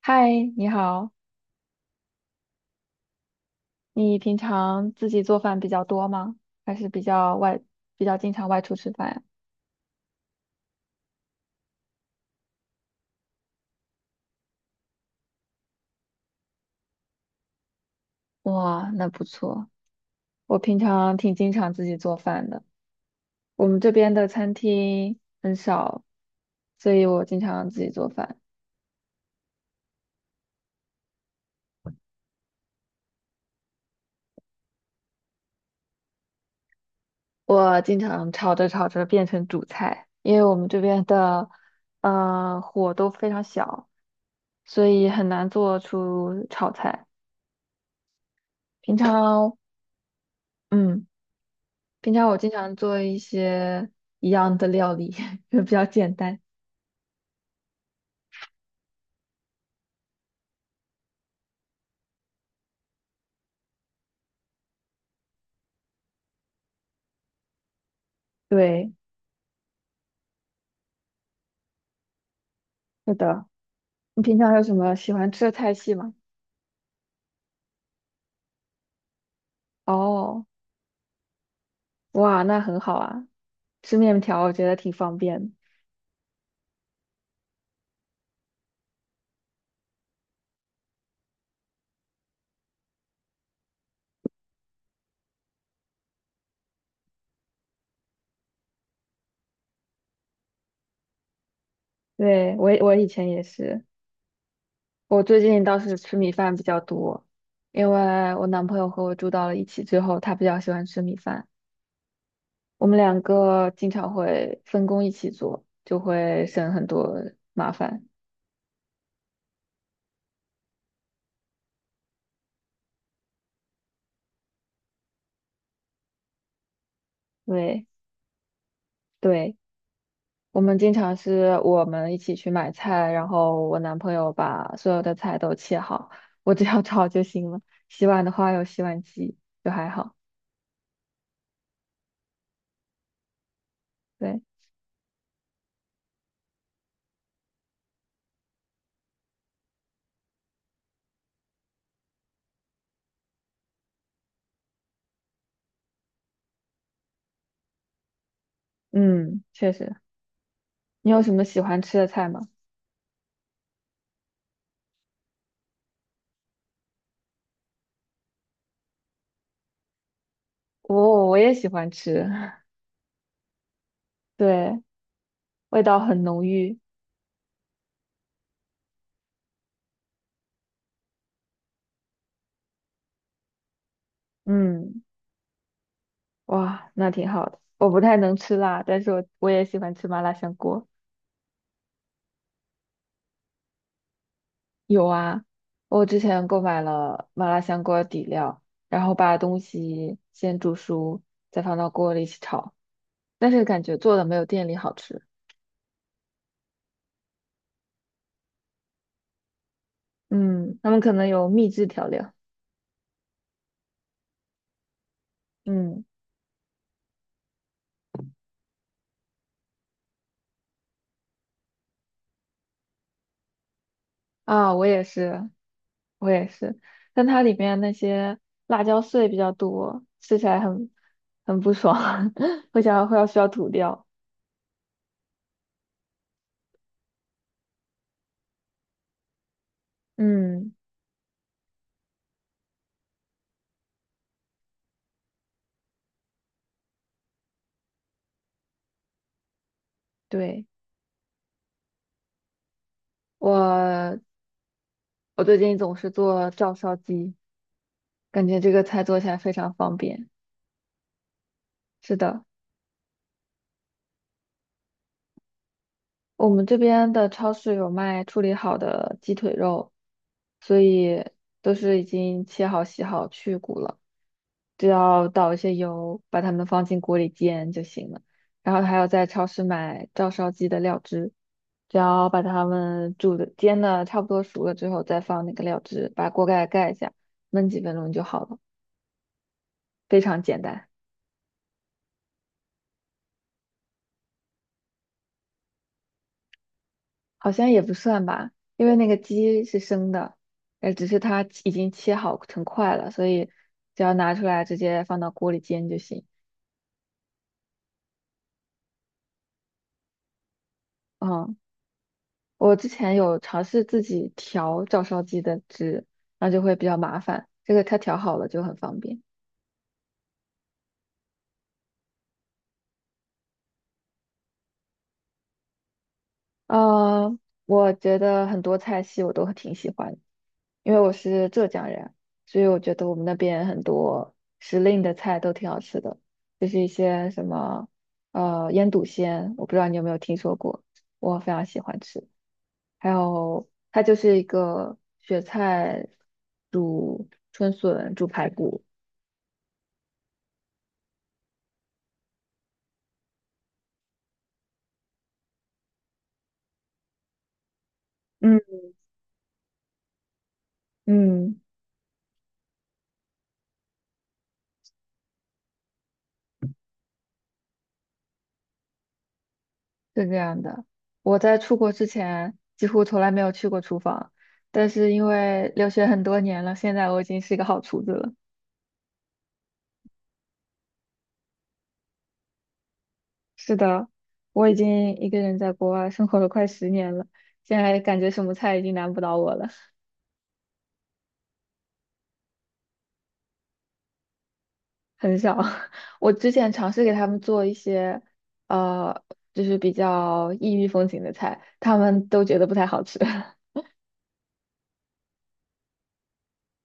嗨，你好，你平常自己做饭比较多吗？还是比较经常外出吃饭呀？哇，那不错。我平常挺经常自己做饭的，我们这边的餐厅很少，所以我经常自己做饭。我经常炒着炒着变成主菜，因为我们这边的火都非常小，所以很难做出炒菜。平常。嗯。平常我经常做一些一样的料理，就比较简单。对，是的。你平常有什么喜欢吃的菜系吗？哦，哇，那很好啊，吃面条我觉得挺方便的。对，我以前也是，我最近倒是吃米饭比较多，因为我男朋友和我住到了一起之后，他比较喜欢吃米饭，我们两个经常会分工一起做，就会省很多麻烦。对对。我们经常是我们一起去买菜，然后我男朋友把所有的菜都切好，我只要炒就行了。洗碗的话有洗碗机，就还好。对，嗯，确实。你有什么喜欢吃的菜吗？我也喜欢吃，对，味道很浓郁。嗯，哇，那挺好的。我不太能吃辣，但是我也喜欢吃麻辣香锅。有啊，我之前购买了麻辣香锅底料，然后把东西先煮熟，再放到锅里一起炒，但是感觉做的没有店里好吃。嗯，他们可能有秘制调料。嗯啊，我也是，我也是，但它里面那些辣椒碎比较多，吃起来很不爽，会想要需要吐掉。嗯，对，我，我最近总是做照烧鸡，感觉这个菜做起来非常方便。是的，我们这边的超市有卖处理好的鸡腿肉，所以都是已经切好、洗好、去骨了，只要倒一些油，把它们放进锅里煎就行了。然后还要在超市买照烧鸡的料汁，只要把它们煮的、煎的差不多熟了之后，再放那个料汁，把锅盖盖一下，焖几分钟就好了，非常简单。好像也不算吧，因为那个鸡是生的，只是它已经切好成块了，所以只要拿出来直接放到锅里煎就行。嗯，我之前有尝试自己调照烧鸡的汁，那就会比较麻烦，这个它调好了就很方便。呃，我觉得很多菜系我都挺喜欢的，因为我是浙江人，所以我觉得我们那边很多时令的菜都挺好吃的，就是一些什么腌笃鲜，我不知道你有没有听说过，我非常喜欢吃。还有它就是一个雪菜煮春笋、煮排骨。嗯，嗯，是这样的。我在出国之前几乎从来没有去过厨房，但是因为留学很多年了，现在我已经是一个好厨子了。是的，我已经一个人在国外生活了快10年了，现在感觉什么菜已经难不倒我了。很少。我之前尝试给他们做一些，呃，就是比较异域风情的菜，他们都觉得不太好吃，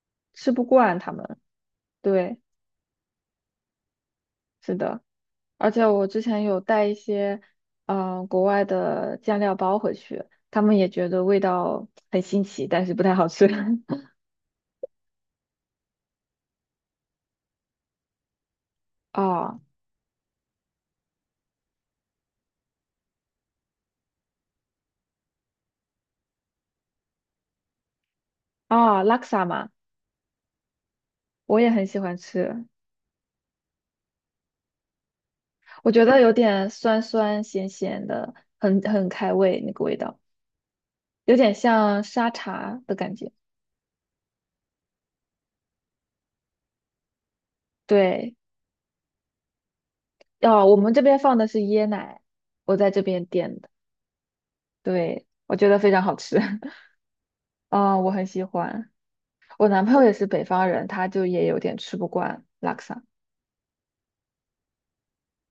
吃不惯他们。对，是的，而且我之前有带一些，国外的酱料包回去，他们也觉得味道很新奇，但是不太好吃。哦，哦，拉克萨嘛，我也很喜欢吃。我觉得有点酸酸咸咸的，很开胃那个味道，有点像沙茶的感觉。对，要我们这边放的是椰奶，我在这边点的，对，我觉得非常好吃，啊、我很喜欢。我男朋友也是北方人，他就也有点吃不惯拉 a 萨。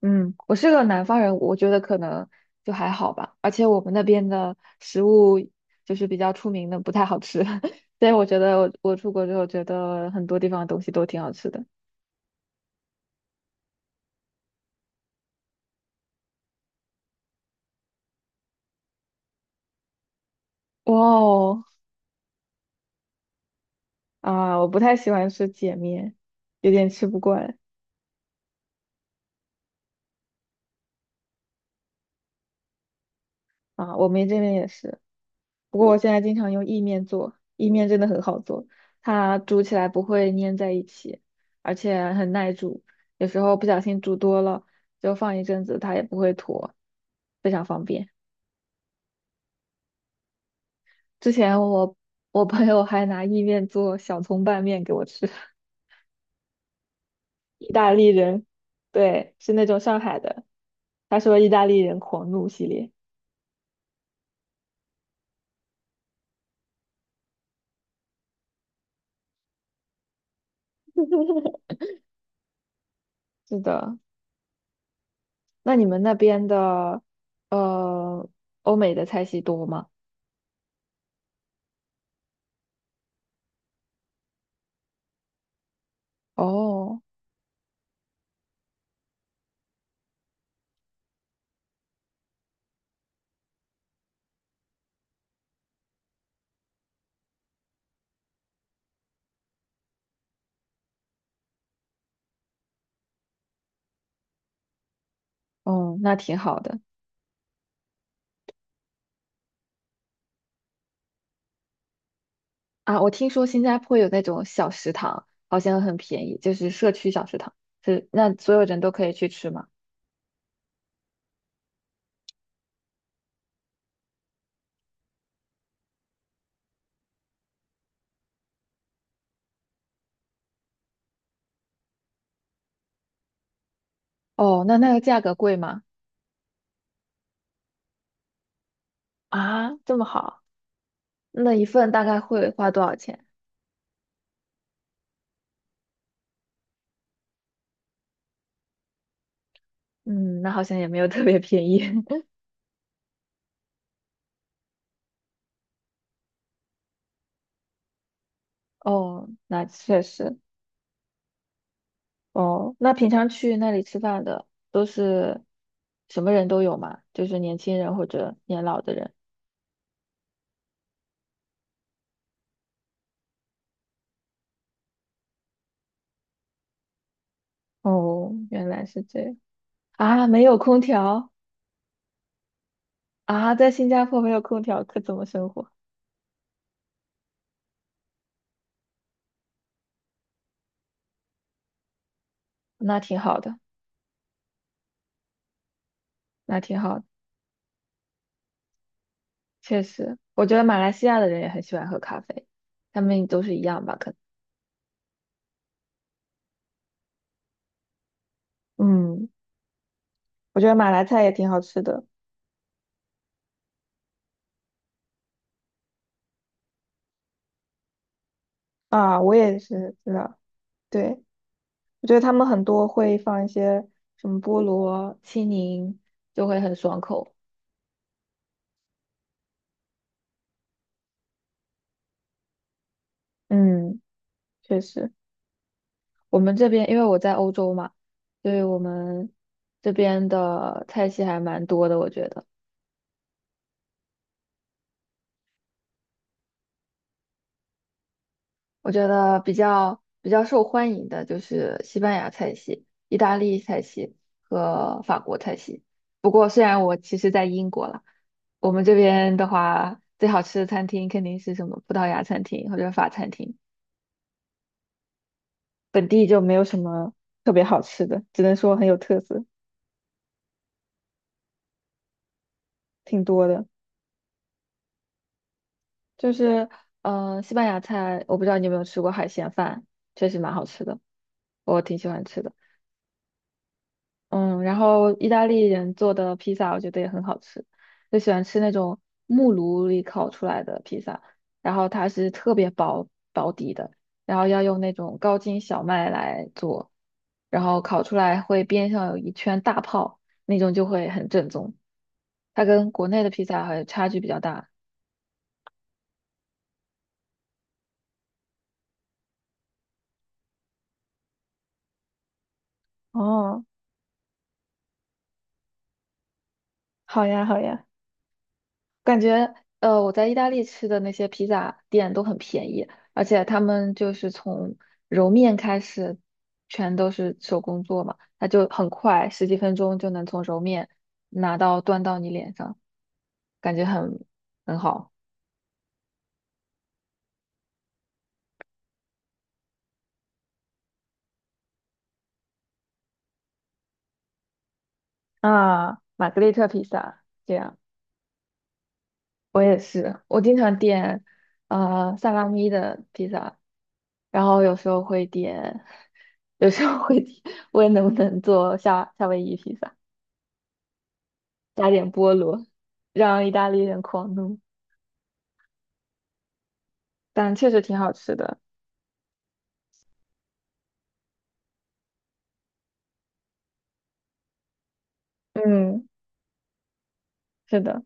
嗯，我是个南方人，我觉得可能就还好吧。而且我们那边的食物就是比较出名的，不太好吃。所以我觉得我出国之后，觉得很多地方的东西都挺好吃的。哇哦，啊，我不太喜欢吃碱面，有点吃不惯啊。我们这边也是。不过我现在经常用意面做，意面真的很好做，它煮起来不会粘在一起，而且很耐煮，有时候不小心煮多了，就放一阵子它也不会坨，非常方便。之前我朋友还拿意面做小葱拌面给我吃，意大利人，对，是那种上海的，他说意大利人狂怒系列。是的。那你们那边的呃欧美的菜系多吗？哦，哦，那挺好的。啊，我听说新加坡有那种小食堂，好像很便宜，就是社区小食堂，是那所有人都可以去吃吗？哦，那那个价格贵吗？啊，这么好，那一份大概会花多少钱？嗯，那好像也没有特别便宜。哦，那确实。哦，那平常去那里吃饭的都是什么人都有嘛？就是年轻人或者年老的人。哦，原来是这样啊，没有空调啊，在新加坡没有空调，可怎么生活？那挺好的，那挺好的，确实，我觉得马来西亚的人也很喜欢喝咖啡，他们都是一样吧？可能。嗯，我觉得马来菜也挺好吃的。啊，我也是知道。对，我觉得他们很多会放一些什么菠萝，青柠就会很爽口。嗯，确实，我们这边因为我在欧洲嘛，所以我们这边的菜系还蛮多的，我觉得。我觉得比较受欢迎的就是西班牙菜系、意大利菜系和法国菜系。不过，虽然我其实在英国了，我们这边的话，最好吃的餐厅肯定是什么葡萄牙餐厅或者法餐厅，本地就没有什么特别好吃的，只能说很有特色，挺多的。就是，西班牙菜，我不知道你有没有吃过海鲜饭，确实蛮好吃的，我挺喜欢吃的。嗯，然后意大利人做的披萨我觉得也很好吃，就喜欢吃那种木炉里烤出来的披萨，然后它是特别薄薄底的，然后要用那种高筋小麦来做，然后烤出来会边上有一圈大泡，那种就会很正宗。它跟国内的披萨还差距比较大。哦，好呀，好呀。感觉我在意大利吃的那些披萨店都很便宜，而且他们就是从揉面开始，全都是手工做嘛，它就很快，十几分钟就能从揉面拿到端到你脸上，感觉很好啊。玛格丽特披萨，这样我也是，我经常点萨拉米的披萨，然后有时候会点，有时候会点，问能不能做夏威夷披萨。加点菠萝，让意大利人狂怒。但确实挺好吃的。嗯，是的，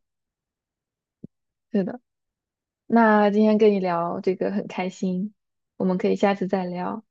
是的。那今天跟你聊这个很开心，我们可以下次再聊。